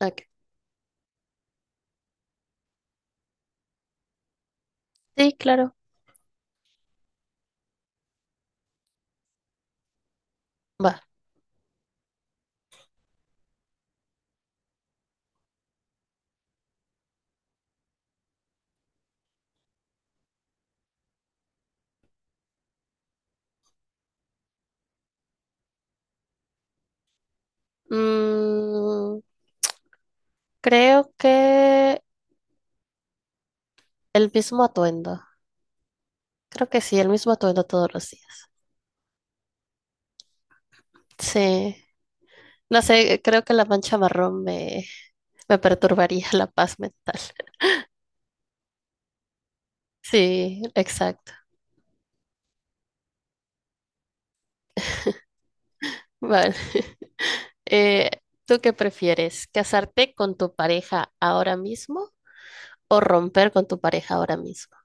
Ok. Sí, claro. Va. Mm, creo que el mismo atuendo. Creo que sí, el mismo atuendo todos los días. Sí. No sé, creo que la mancha marrón me perturbaría la paz mental. Sí, exacto. Vale. Eh, ¿tú qué prefieres? ¿Casarte con tu pareja ahora mismo o romper con tu pareja ahora mismo?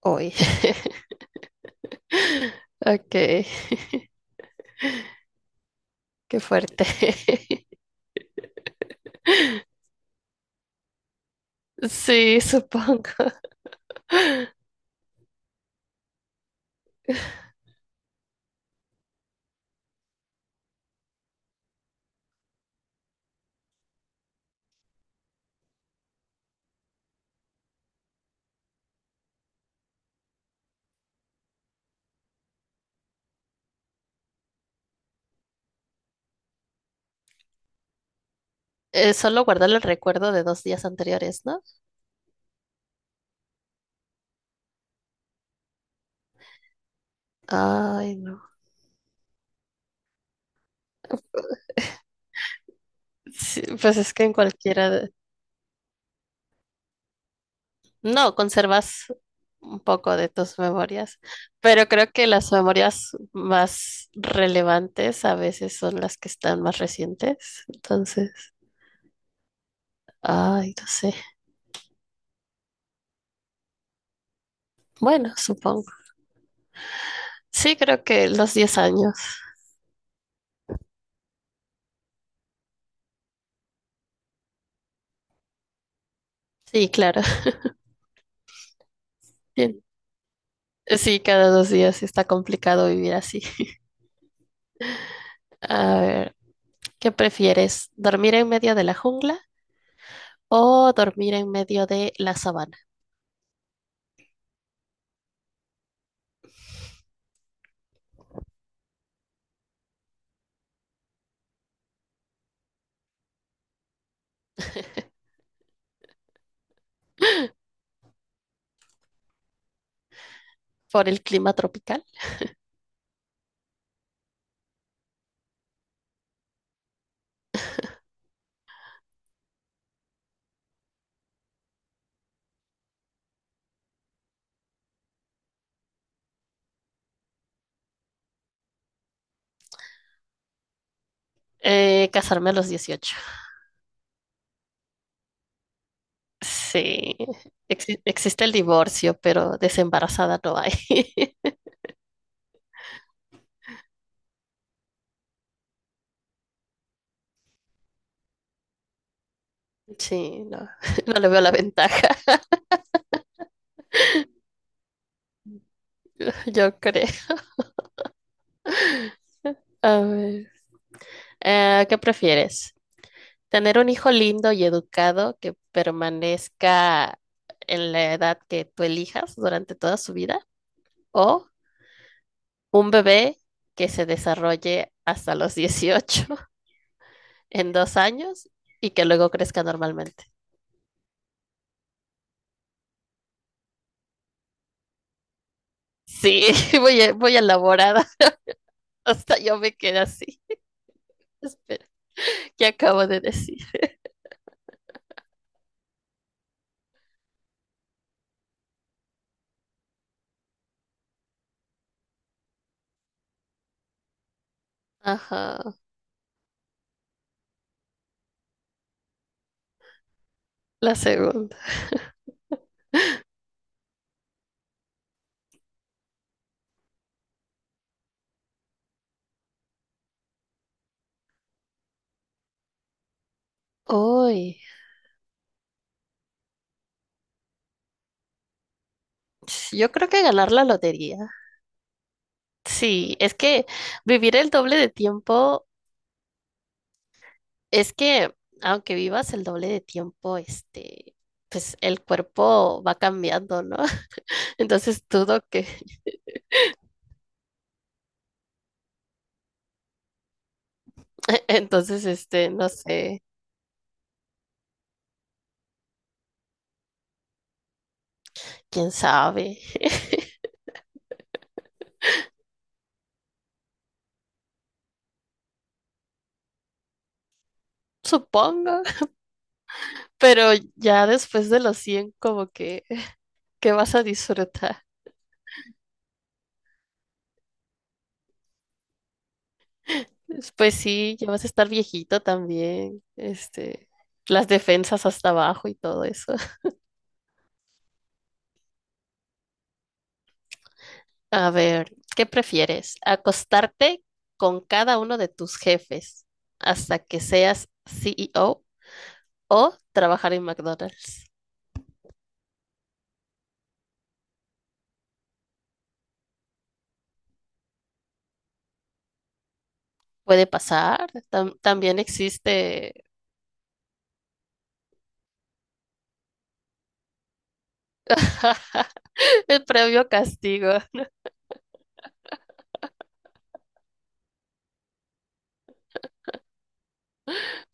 Hoy. Ok, qué fuerte. Sí, supongo. Solo guardar el recuerdo de 2 días anteriores, ¿no? Ay, no. Sí, pues es que en cualquiera de- No, conservas un poco de tus memorias, pero creo que las memorias más relevantes a veces son las que están más recientes. Entonces, ay, no sé. Bueno, supongo. Sí, creo que los 10 años. Sí, claro. Sí, sí, cada 2 días está complicado vivir así. A ver, ¿qué prefieres? ¿Dormir en medio de la jungla o dormir en medio de la sabana por el clima tropical? Casarme a los 18. Sí. Existe el divorcio, pero desembarazada no hay. Sí, no, no le veo la ventaja, yo creo. A ver, ¿qué prefieres? ¿Tener un hijo lindo y educado que permanezca en la edad que tú elijas durante toda su vida? ¿O un bebé que se desarrolle hasta los 18 en 2 años y que luego crezca normalmente? Sí, voy elaborada. Hasta yo me quedé así. Espera, ¿qué acabo de decir? Ajá, la segunda. Uy, yo creo que ganar la lotería. Sí, es que vivir el doble de tiempo, es que aunque vivas el doble de tiempo, pues el cuerpo va cambiando, ¿no? Entonces dudo que, entonces, no sé, quién sabe. Supongo. Pero ya después de los 100 como que, ¿qué vas a disfrutar? Pues sí, ya vas a estar viejito también, las defensas hasta abajo y todo eso. A ver, ¿qué prefieres? ¿Acostarte con cada uno de tus jefes hasta que seas CEO o o trabajar en McDonald's? Puede pasar, también existe el previo castigo.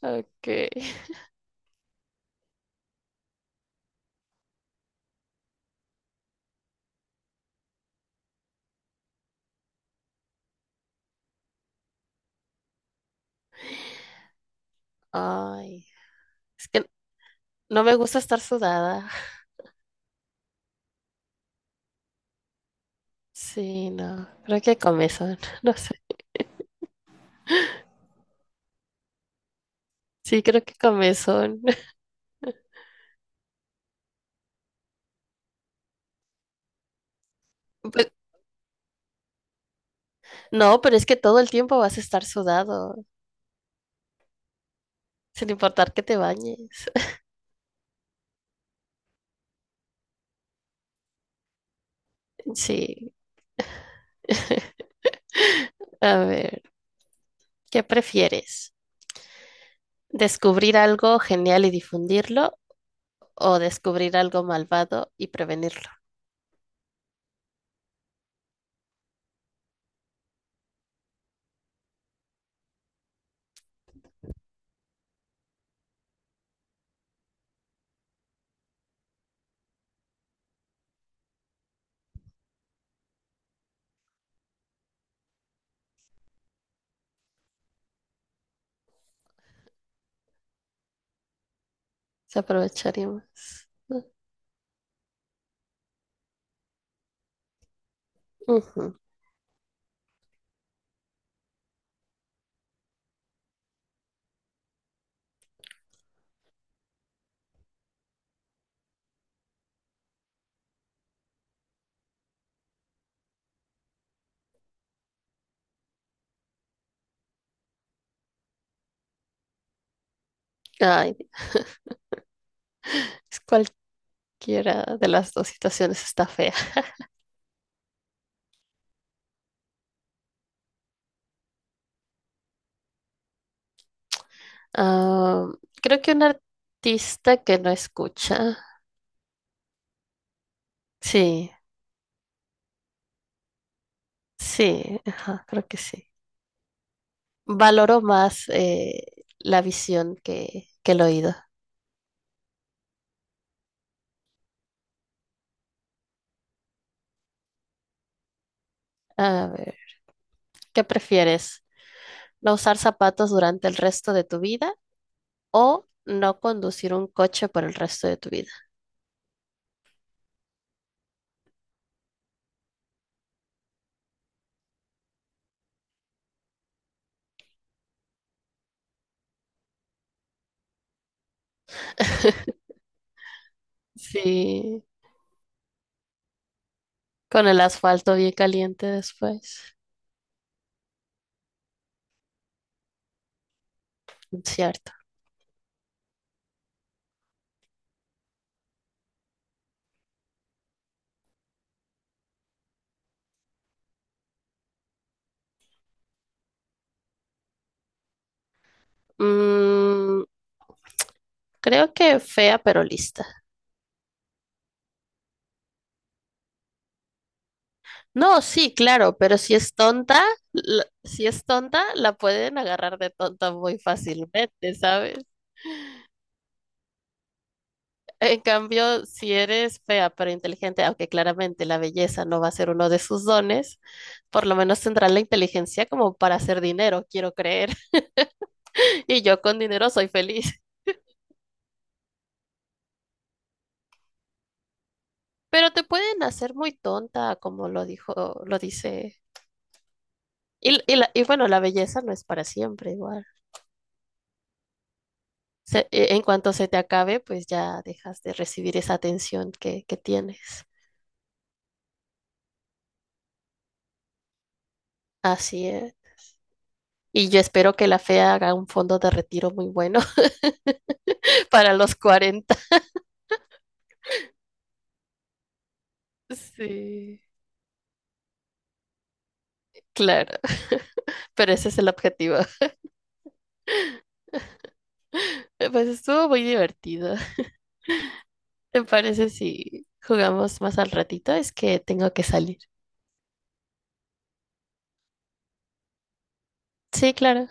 Ok. Ay, es que no me gusta estar sudada. Sí, no, creo que comezón, no sé. Sí, creo que comezón. Pues, no, pero es que todo el tiempo vas a estar sudado, sin importar que te bañes. Sí, a ver, ¿qué prefieres? ¿Descubrir algo genial y difundirlo o descubrir algo malvado y prevenirlo? Se aprovecharíamos. Ujú. Ay, es cualquiera de las dos situaciones está fea. Ah, creo que un artista que no escucha. Sí. Sí, ajá, creo que sí. Valoro más la visión que el oído. A ver, ¿qué prefieres? ¿No usar zapatos durante el resto de tu vida o no conducir un coche por el resto de tu vida? Sí, con el asfalto bien caliente después. Cierto. Mm, creo que fea pero lista. No, sí, claro, pero si es tonta, la- si es tonta, la pueden agarrar de tonta muy fácilmente, ¿sabes? En cambio, si eres fea pero inteligente, aunque claramente la belleza no va a ser uno de sus dones, por lo menos tendrás la inteligencia como para hacer dinero, quiero creer. Y yo con dinero soy feliz. Pero te pueden hacer muy tonta, como lo dijo, lo dice. Y bueno, la belleza no es para siempre igual. En cuanto se te acabe, pues ya dejas de recibir esa atención que tienes. Así es. Y yo espero que la fea haga un fondo de retiro muy bueno para los 40. Sí. Claro, pero ese es el objetivo. Pues estuvo muy divertido. ¿Te parece si jugamos más al ratito? Es que tengo que salir. Sí, claro.